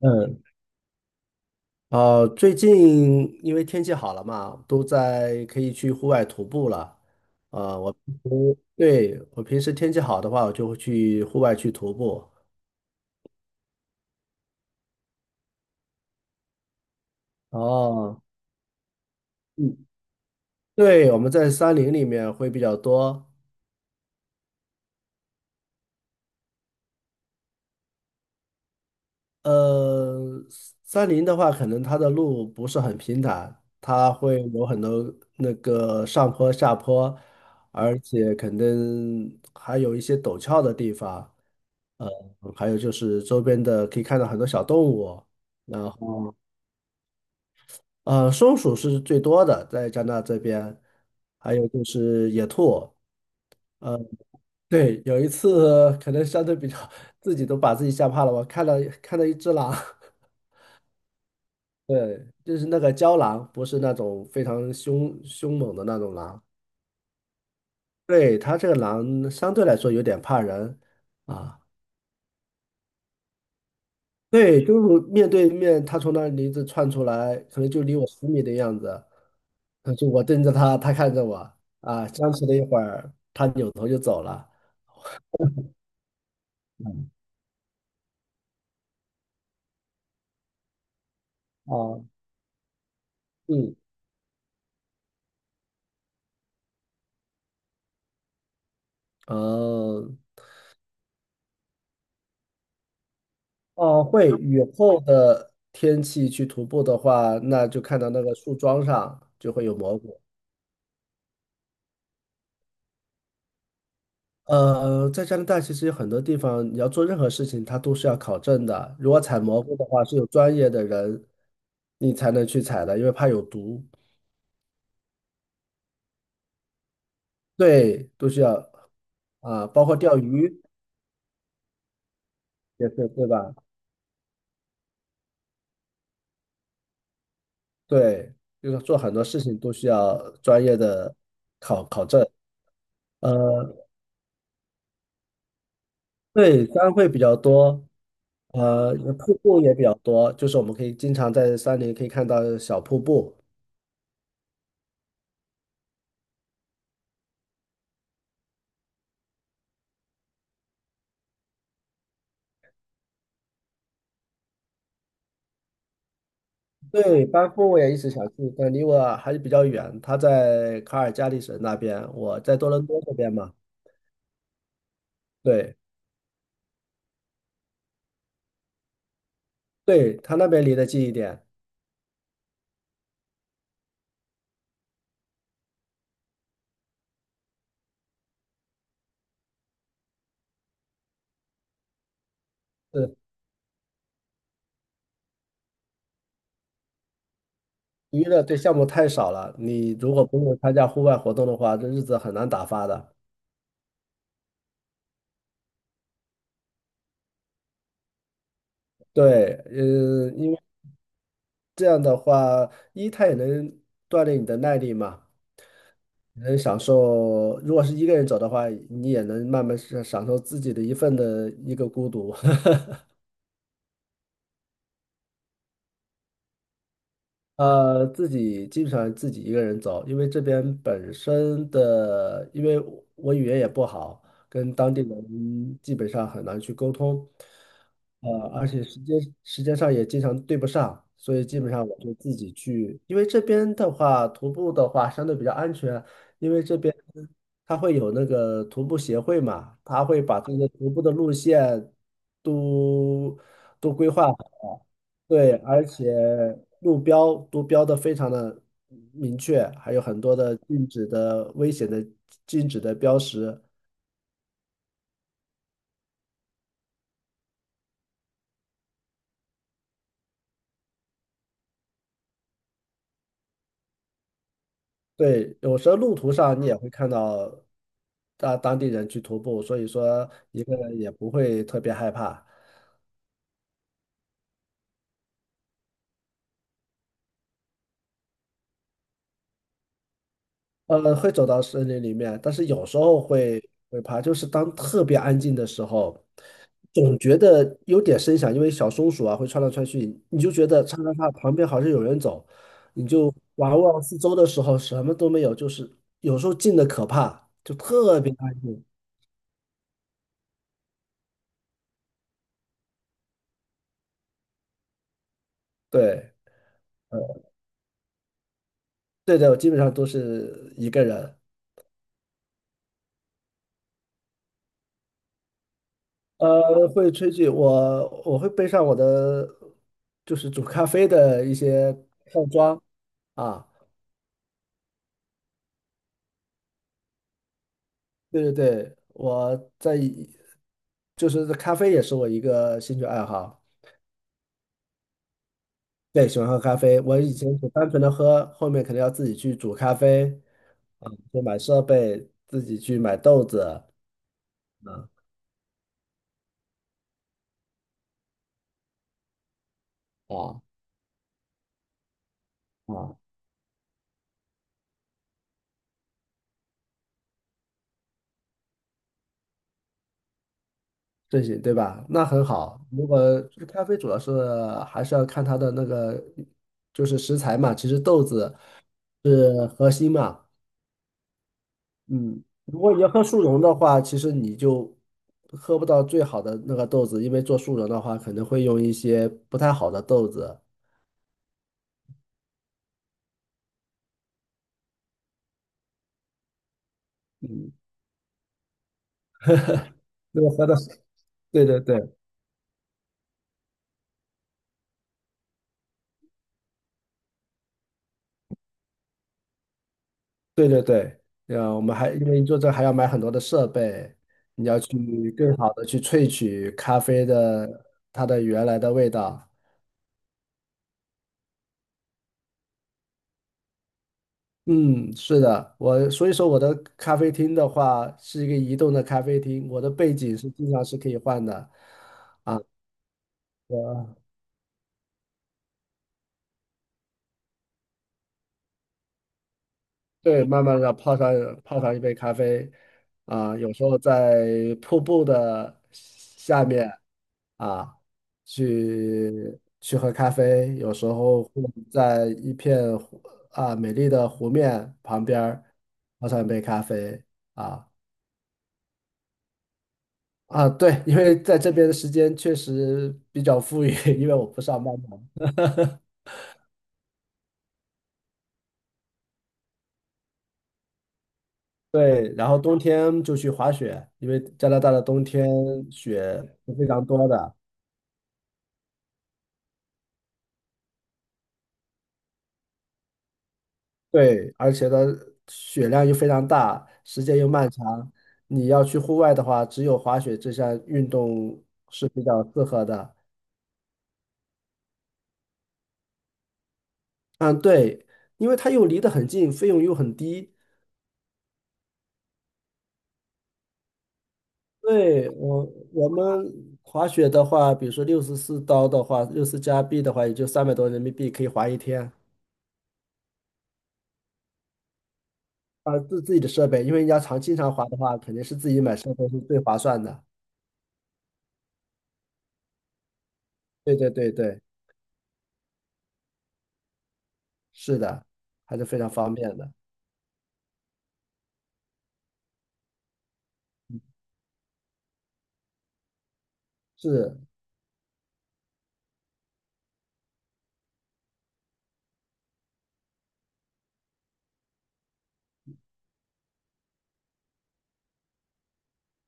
嗯，最近因为天气好了嘛，都在可以去户外徒步了。我平时天气好的话，我就会去户外去徒步。哦，嗯，对，我们在山林里面会比较多。呃，山林的话，可能它的路不是很平坦，它会有很多那个上坡下坡，而且可能还有一些陡峭的地方。嗯还有就是周边的可以看到很多小动物，然后松鼠是最多的，在加拿大这边，还有就是野兔，呃，对，有一次可能相对比较自己都把自己吓怕了，我看到一只狼，对，就是那个郊狼，不是那种非常凶猛的那种狼，对，它这个狼相对来说有点怕人啊，对，就是面对面，它从那里一直窜出来，可能就离我10米的样子。就我盯着他，他看着我，僵持了一会儿，他扭头就走了。啊，嗯，嗯，哦，会雨后的天气去徒步的话，那就看到那个树桩上就会有蘑菇。在加拿大其实有很多地方，你要做任何事情，它都是要考证的。如果采蘑菇的话，是有专业的人，你才能去采的，因为怕有毒。对，都需要啊，包括钓鱼也是，对吧？对，就是做很多事情都需要专业的考证。呃，对，山会比较多，瀑布也比较多，就是我们可以经常在山里可以看到小瀑布。对，班夫我也一直想去，但离我还是比较远。他在卡尔加里省那边，我在多伦多这边嘛。对，对，他那边离得近一点。是娱乐对项目太少了，你如果不用参加户外活动的话，这日子很难打发的。对，嗯、这样的话，它也能锻炼你的耐力嘛，能享受。如果是一个人走的话，你也能慢慢是享受自己的一份的一个孤独。自己基本上自己一个人走，因为这边本身的，因为我语言也不好，跟当地人基本上很难去沟通，而且时间上也经常对不上，所以基本上我就自己去，因为这边的话，徒步的话相对比较安全，因为这边它会有那个徒步协会嘛，他会把这个徒步的路线都都规划好。对，而且路标都标的非常的明确，还有很多的禁止的危险的禁止的标识。对，有时候路途上你也会看到大当地人去徒步，所以说一个人也不会特别害怕。会走到森林里面，但是有时候会怕，就是当特别安静的时候，总觉得有点声响，因为小松鼠啊会窜来窜去，你就觉得嚓嚓嚓旁边好像有人走，你就玩望四周的时候什么都没有，就是有时候静的可怕，就特别安静。对，对的，我基本上都是一个人。会吹剧，我会背上我的就是煮咖啡的一些套装啊。对对对，我在就是咖啡也是我一个兴趣爱好，对，喜欢喝咖啡。我以前只单纯的喝，后面肯定要自己去煮咖啡，啊，就买设备，自己去买豆子，啊啊啊，这些对吧？那很好。如果咖啡主要是还是要看它的那个就是食材嘛，其实豆子是核心嘛。嗯，如果你要喝速溶的话，其实你就喝不到最好的那个豆子，因为做速溶的话，可能会用一些不太好的豆子。如果喝的是，对对对对对对，我们还因为你做这还要买很多的设备，你要去更好的去萃取咖啡的它的原来的味道。嗯，是的，我所以说我的咖啡厅的话是一个移动的咖啡厅，我的背景是经常是可以换的。对，慢慢的泡上一杯咖啡，啊，有时候在瀑布的下面啊，去喝咖啡，有时候会在一片湖啊美丽的湖面旁边儿泡上一杯咖啡啊啊，对，因为在这边的时间确实比较富裕，因为我不上班嘛。对，然后冬天就去滑雪，因为加拿大的冬天雪是非常多的。对，而且它雪量又非常大，时间又漫长。你要去户外的话，只有滑雪这项运动是比较适合的。嗯，对，因为它又离得很近，费用又很低。对，我们滑雪的话，比如说64刀的话，60加币的话，也就300多人民币可以滑一天。啊，自己的设备，因为你要经常滑的话，肯定是自己买设备是最划算的。对对对对，是的，还是非常方便的。是，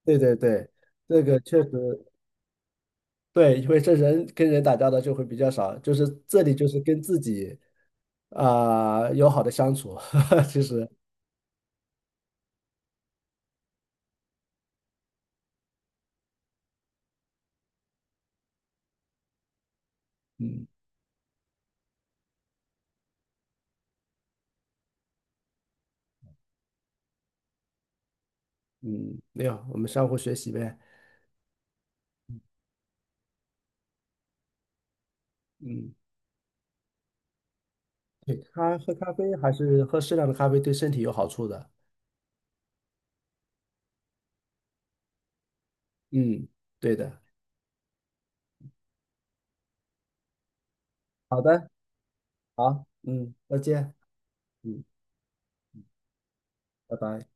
对对对，这个确实对，因为这人跟人打交道就会比较少，就是这里就是跟自己啊、友好的相处，其实嗯嗯，没有，我们相互学习呗，嗯，对，喝咖啡还是喝适量的咖啡对身体有好处的，嗯，对的，好的，好，嗯，再见，嗯，拜拜。